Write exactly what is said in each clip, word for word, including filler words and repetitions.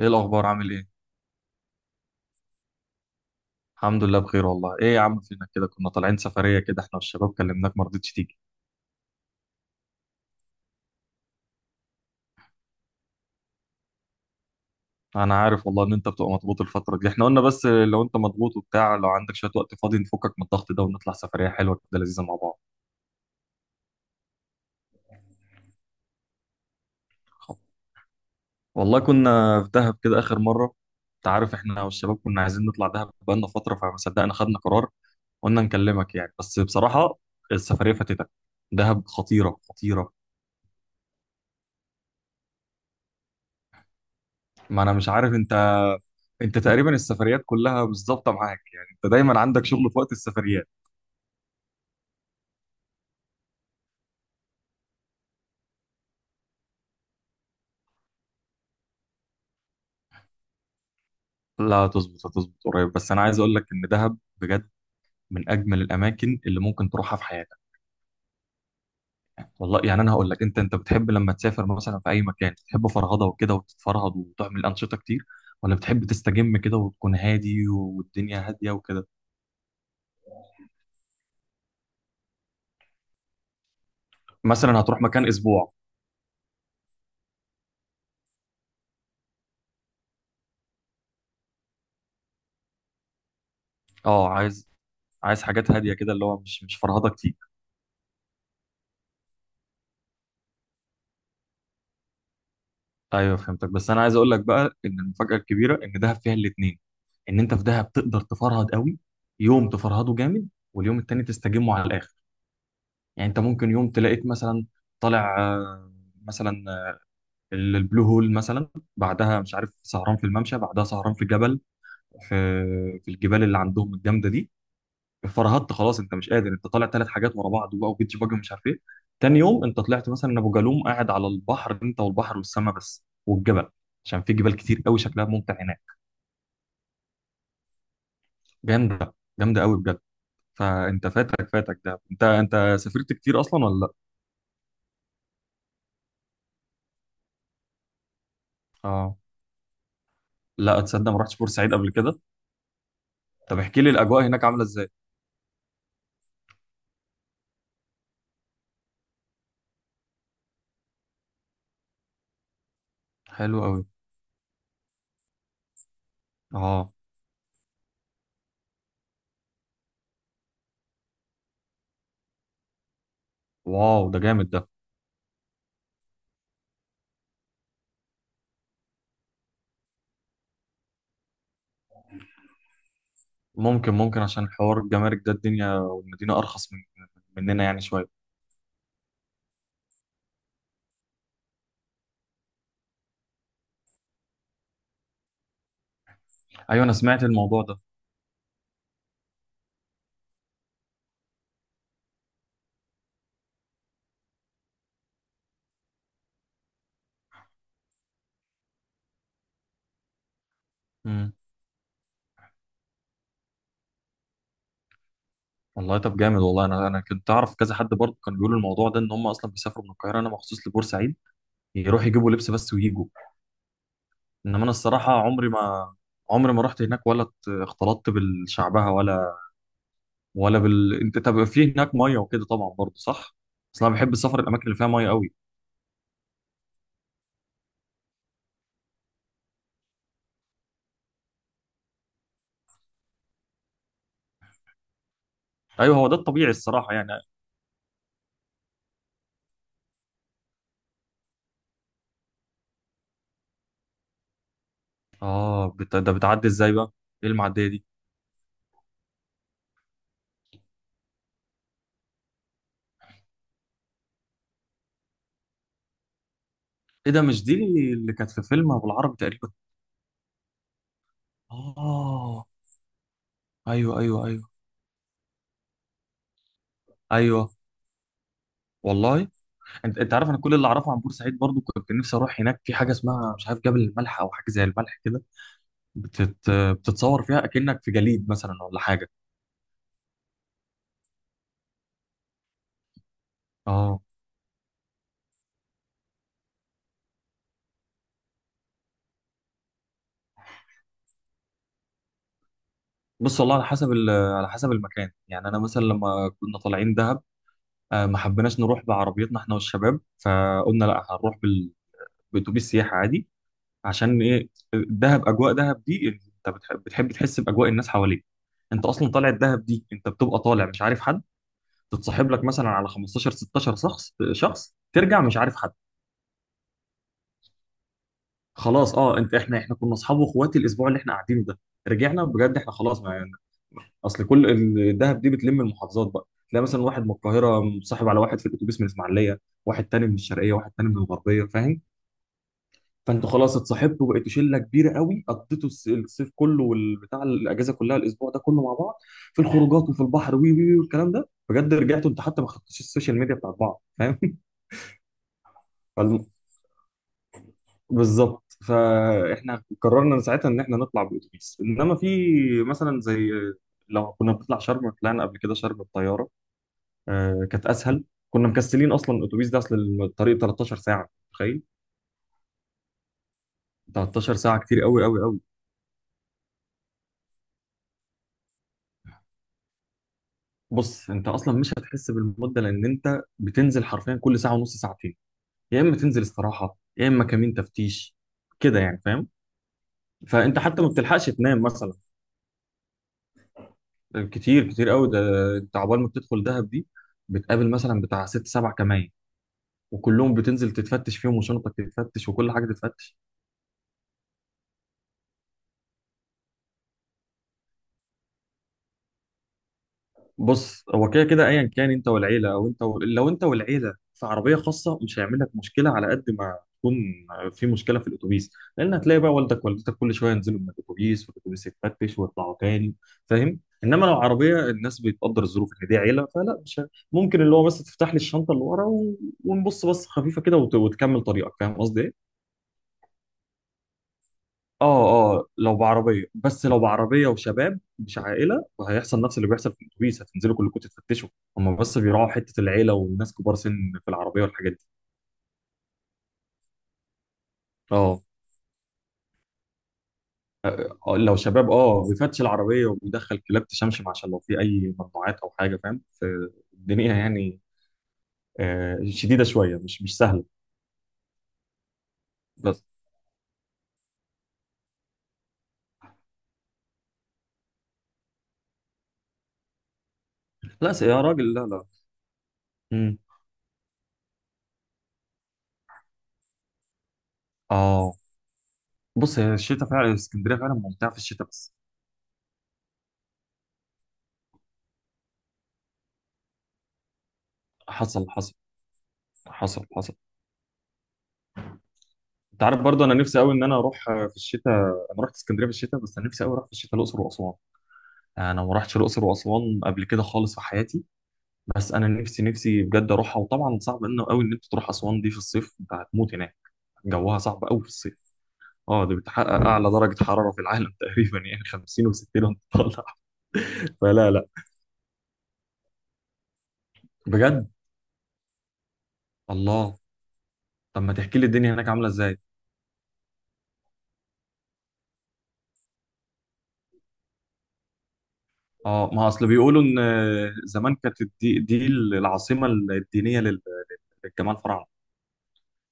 ايه الاخبار؟ عامل ايه؟ الحمد لله بخير والله. ايه يا عم، فينك كده؟ كنا طالعين سفريه كده احنا والشباب، كلمناك ما رضيتش تيجي. انا عارف والله ان انت بتبقى مضغوط الفتره دي، احنا قلنا بس لو انت مضغوط وبتاع، لو عندك شويه وقت فاضي نفكك من الضغط ده ونطلع سفريه حلوه كده لذيذه مع بعض. والله كنا في دهب كده اخر مره. انت عارف احنا والشباب كنا عايزين نطلع دهب بقالنا فتره، فما صدقنا خدنا قرار. قلنا نكلمك يعني بس بصراحه السفريه فاتتك. دهب خطيره خطيره. ما انا مش عارف انت انت تقريبا السفريات كلها مش ظابطه معاك، يعني انت دايما عندك شغل في وقت السفريات. لا هتظبط هتظبط قريب. بس انا عايز اقول لك ان دهب بجد من اجمل الاماكن اللي ممكن تروحها في حياتك. والله يعني انا هقول لك، انت انت بتحب لما تسافر مثلا في اي مكان بتحب فرهضه وكده وتتفرهد وتعمل انشطه كتير، ولا بتحب تستجم كده وتكون هادي والدنيا هاديه وكده؟ مثلا هتروح مكان اسبوع. اه، عايز عايز حاجات هاديه كده، اللي هو مش مش فرهضه كتير. ايوه فهمتك. بس انا عايز اقول لك بقى ان المفاجاه الكبيره ان دهب فيها الاثنين. ان انت في دهب تقدر تفرهد قوي، يوم تفرهده جامد واليوم التاني تستجمه على الاخر. يعني انت ممكن يوم تلاقيك مثلا طالع آه، مثلا آه، ال- البلو هول مثلا، بعدها مش عارف سهران في الممشى، بعدها سهران في جبل، في في الجبال اللي عندهم الجامده دي. فرهدت خلاص انت مش قادر، انت طالع ثلاث حاجات ورا بعض بقى وبيتش باجي ومش عارف ايه. تاني يوم انت طلعت مثلا ابو جالوم، قاعد على البحر انت والبحر والسماء بس والجبل، عشان في جبال كتير قوي شكلها ممتع هناك. جامده جامده قوي بجد. فانت فاتك فاتك ده. انت انت سافرت كتير اصلا ولا لا؟ اه، لا تصدق، ما رحتش بورسعيد قبل كده. طب احكي لي الاجواء هناك عامله ازاي؟ حلو قوي. اه. واو ده جامد ده. ممكن ممكن عشان حوار الجمارك ده، الدنيا والمدينه ارخص من مننا يعني شويه. ايوه، انا سمعت الموضوع ده. مم. والله طب جامد. والله انا انا كنت اعرف كذا حد برضه كان بيقول الموضوع ده، ان هم اصلا بيسافروا من القاهره انا مخصوص لبورسعيد يروحوا يجيبوا لبس بس ويجوا. انما انا الصراحه عمري ما عمري ما رحت هناك، ولا ات- اختلطت بالشعبها، ولا ولا بال، انت طب في هناك ميه وكده طبعا برضه صح؟ بس انا بحب السفر الاماكن اللي فيها ميه قوي. ايوه هو ده الطبيعي الصراحه يعني. اه بت... ده بتعدي ازاي بقى؟ ايه المعديه دي؟ ايه ده، مش دي اللي كانت في فيلم ابو العربي تقريبا؟ اه. ايوه ايوه ايوه. ايوه والله. انت انت عارف انا كل اللي اعرفه عن بورسعيد برضو، كنت نفسي اروح هناك في حاجه اسمها مش عارف جبل الملح، او حاجه زي الملح كده. بتت... بتتصور فيها اكنك في جليد مثلا ولا حاجه. اه بص، والله على حسب ال... على حسب المكان. يعني انا مثلا لما كنا طالعين دهب، آه، ما حبيناش نروح بعربيتنا احنا والشباب، فقلنا لا، هنروح بال... باتوبيس سياحه عادي. عشان ايه؟ دهب، اجواء دهب دي، انت بتحب, بتحب تحس باجواء الناس حواليك. انت اصلا طالع الدهب دي انت بتبقى طالع مش عارف حد، تتصاحب لك مثلا على خمستاشر ستاشر شخص، شخص، ترجع مش عارف حد. خلاص اه، انت احنا احنا كنا اصحاب واخواتي الاسبوع اللي احنا قاعدينه ده، رجعنا بجد احنا خلاص، ما يعني. اصل كل الدهب دي بتلم المحافظات بقى، تلاقي مثلا واحد من القاهره مصاحب على واحد في الاتوبيس من الاسماعيليه، واحد تاني من الشرقيه، واحد تاني من الغربيه، فاهم؟ فانتوا خلاص اتصاحبتوا وبقيتوا شله كبيره قوي، قضيتوا الس- الصيف كله والبتاع، الاجازه كلها الاسبوع ده كله مع بعض، في الخروجات وفي البحر وي وي وي والكلام ده. بجد رجعتوا انت حتى ما خدتوش السوشيال ميديا بتاعت بعض، فاهم؟ بالظبط. فاحنا قررنا من ساعتها ان احنا نطلع باتوبيس، انما في مثلا زي، لو كنا بنطلع شرم، طلعنا قبل كده شرم بالطياره، آه كانت اسهل. كنا مكسلين اصلا الاتوبيس ده، اصل الطريق تلتاشر ساعه، تخيل. تلتاشر ساعه كتير قوي قوي قوي. بص، انت اصلا مش هتحس بالمده، لان انت بتنزل حرفيا كل ساعه ونص ساعتين، يا اما تنزل استراحه يا اما كمين تفتيش كده يعني، فاهم؟ فانت حتى ما بتلحقش تنام مثلا. كتير كتير قوي ده. انت عقبال ما بتدخل دهب دي بتقابل مثلا بتاع ست سبع كمائن، وكلهم بتنزل تتفتش فيهم، وشنطك تتفتش، وكل حاجه تتفتش. بص هو كده كده ايا كان، انت والعيله او انت و، لو انت والعيله في عربيه خاصه مش هيعمل لك مشكله، على قد ما تكون في مشكله في الاتوبيس، لان هتلاقي بقى والدك والدتك كل شويه ينزلوا من الاتوبيس والاتوبيس يتفتش ويطلعوا تاني، فاهم؟ انما لو عربيه، الناس بتقدر الظروف ان دي عيله، فلا مش ه- ممكن اللي هو بس تفتح لي الشنطه اللي ورا و، ونبص بص خفيفه كده وت... وتكمل طريقك، فاهم قصدي ايه؟ اه اه، لو بعربيه بس، لو بعربيه وشباب مش عائله، وهيحصل نفس اللي بيحصل في الاتوبيس، هتنزلوا كلكم تتفتشوا. هم بس بيراعوا حته العيله والناس كبار سن في العربيه والحاجات دي. اه، آه، لو شباب اه بيفتش العربيه وبيدخل كلاب تشمشم عشان لو في اي ممنوعات او حاجه، فاهم، في الدنيا يعني. آه شديده شويه، مش مش سهله. بس لا س- يا راجل لا لا. مم. اه بص، هي الشتاء فعلا اسكندريه فعلا ممتعه في الشتاء بس. حصل حصل. حصل حصل. انت عارف برضه انا نفسي قوي ان انا اروح في الشتاء. انا رحت اسكندريه في الشتاء، بس انا نفسي قوي اروح في الشتاء الاقصر واسوان. انا ما رحتش الاقصر واسوان قبل كده خالص في حياتي. بس انا نفسي نفسي بجد اروحها. وطبعا صعب انه قوي ان انت تروح اسوان دي في الصيف، انت هتموت هناك، جوها صعب قوي في الصيف. اه دي بتحقق اعلى درجه حراره في العالم تقريبا، يعني خمسين و60 وانت طالع. فلا لا. بجد؟ الله. طب ما تحكي لي الدنيا هناك عامله ازاي. اه، ما اصل بيقولوا ان زمان كانت دي, دي العاصمه الدينيه لل- للجمال الفراعنه.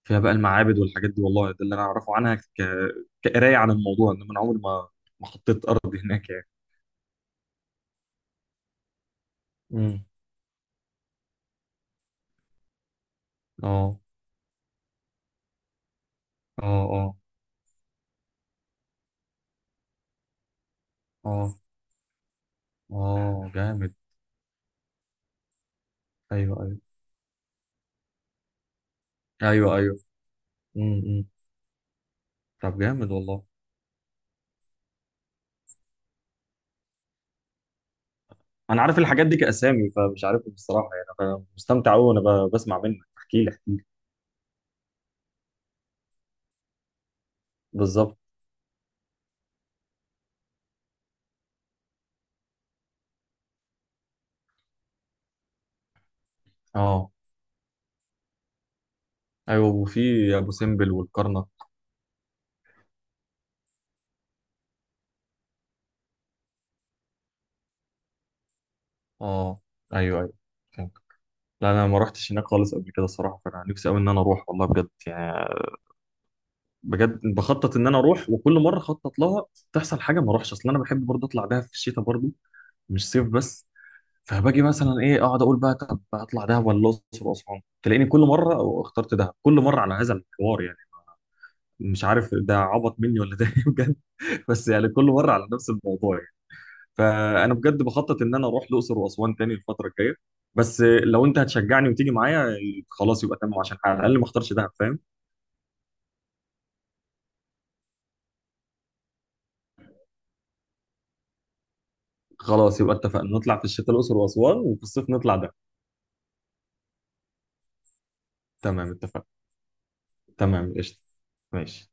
فيها بقى المعابد والحاجات دي. والله ده اللي انا اعرفه عنها ك... كقرايه عن الموضوع، انما انا عمري ما ما حطيت ارض هناك يعني. امم. اه اه اه اه. اه جامد. ايوه ايوه ايوه ايوه. امم. طب جامد والله. انا عارف الحاجات دي كاسامي، فمش عارفهم بصراحه يعني. انا مستمتع قوي وانا ب- بسمع منك، احكي لي احكي لي. بالظبط. اه. ايوه، وفي ابو سمبل والكرنك. اه. ايوه ايوه. فهمت. لا انا ما رحتش هناك خالص قبل كده الصراحه، فانا نفسي قوي ان انا اروح، والله بجد يعني. بجد بخطط ان انا اروح، وكل مره اخطط لها تحصل حاجه ما اروحش. اصل انا بحب برضه اطلع دهب في الشتاء برضه، مش صيف بس. فباجي مثلا ايه، اقعد اقول بقى طب اطلع دهب ولا الاقصر واسوان، تلاقيني كل مره اخترت دهب، كل مره على هذا الحوار يعني. مش عارف ده عبط مني ولا ده إيه بجد. بس يعني كل مره على نفس الموضوع يعني. فانا بجد بخطط ان انا اروح الاقصر واسوان تاني الفتره الجايه، بس لو انت هتشجعني وتيجي معايا، خلاص يبقى تمام، عشان على الاقل ما اختارش دهب، فاهم؟ خلاص يبقى اتفقنا، نطلع في الشتاء الاقصر واسوان، وفي الصيف نطلع دهب. تمام اتفق. تمام قشطة. ماشي.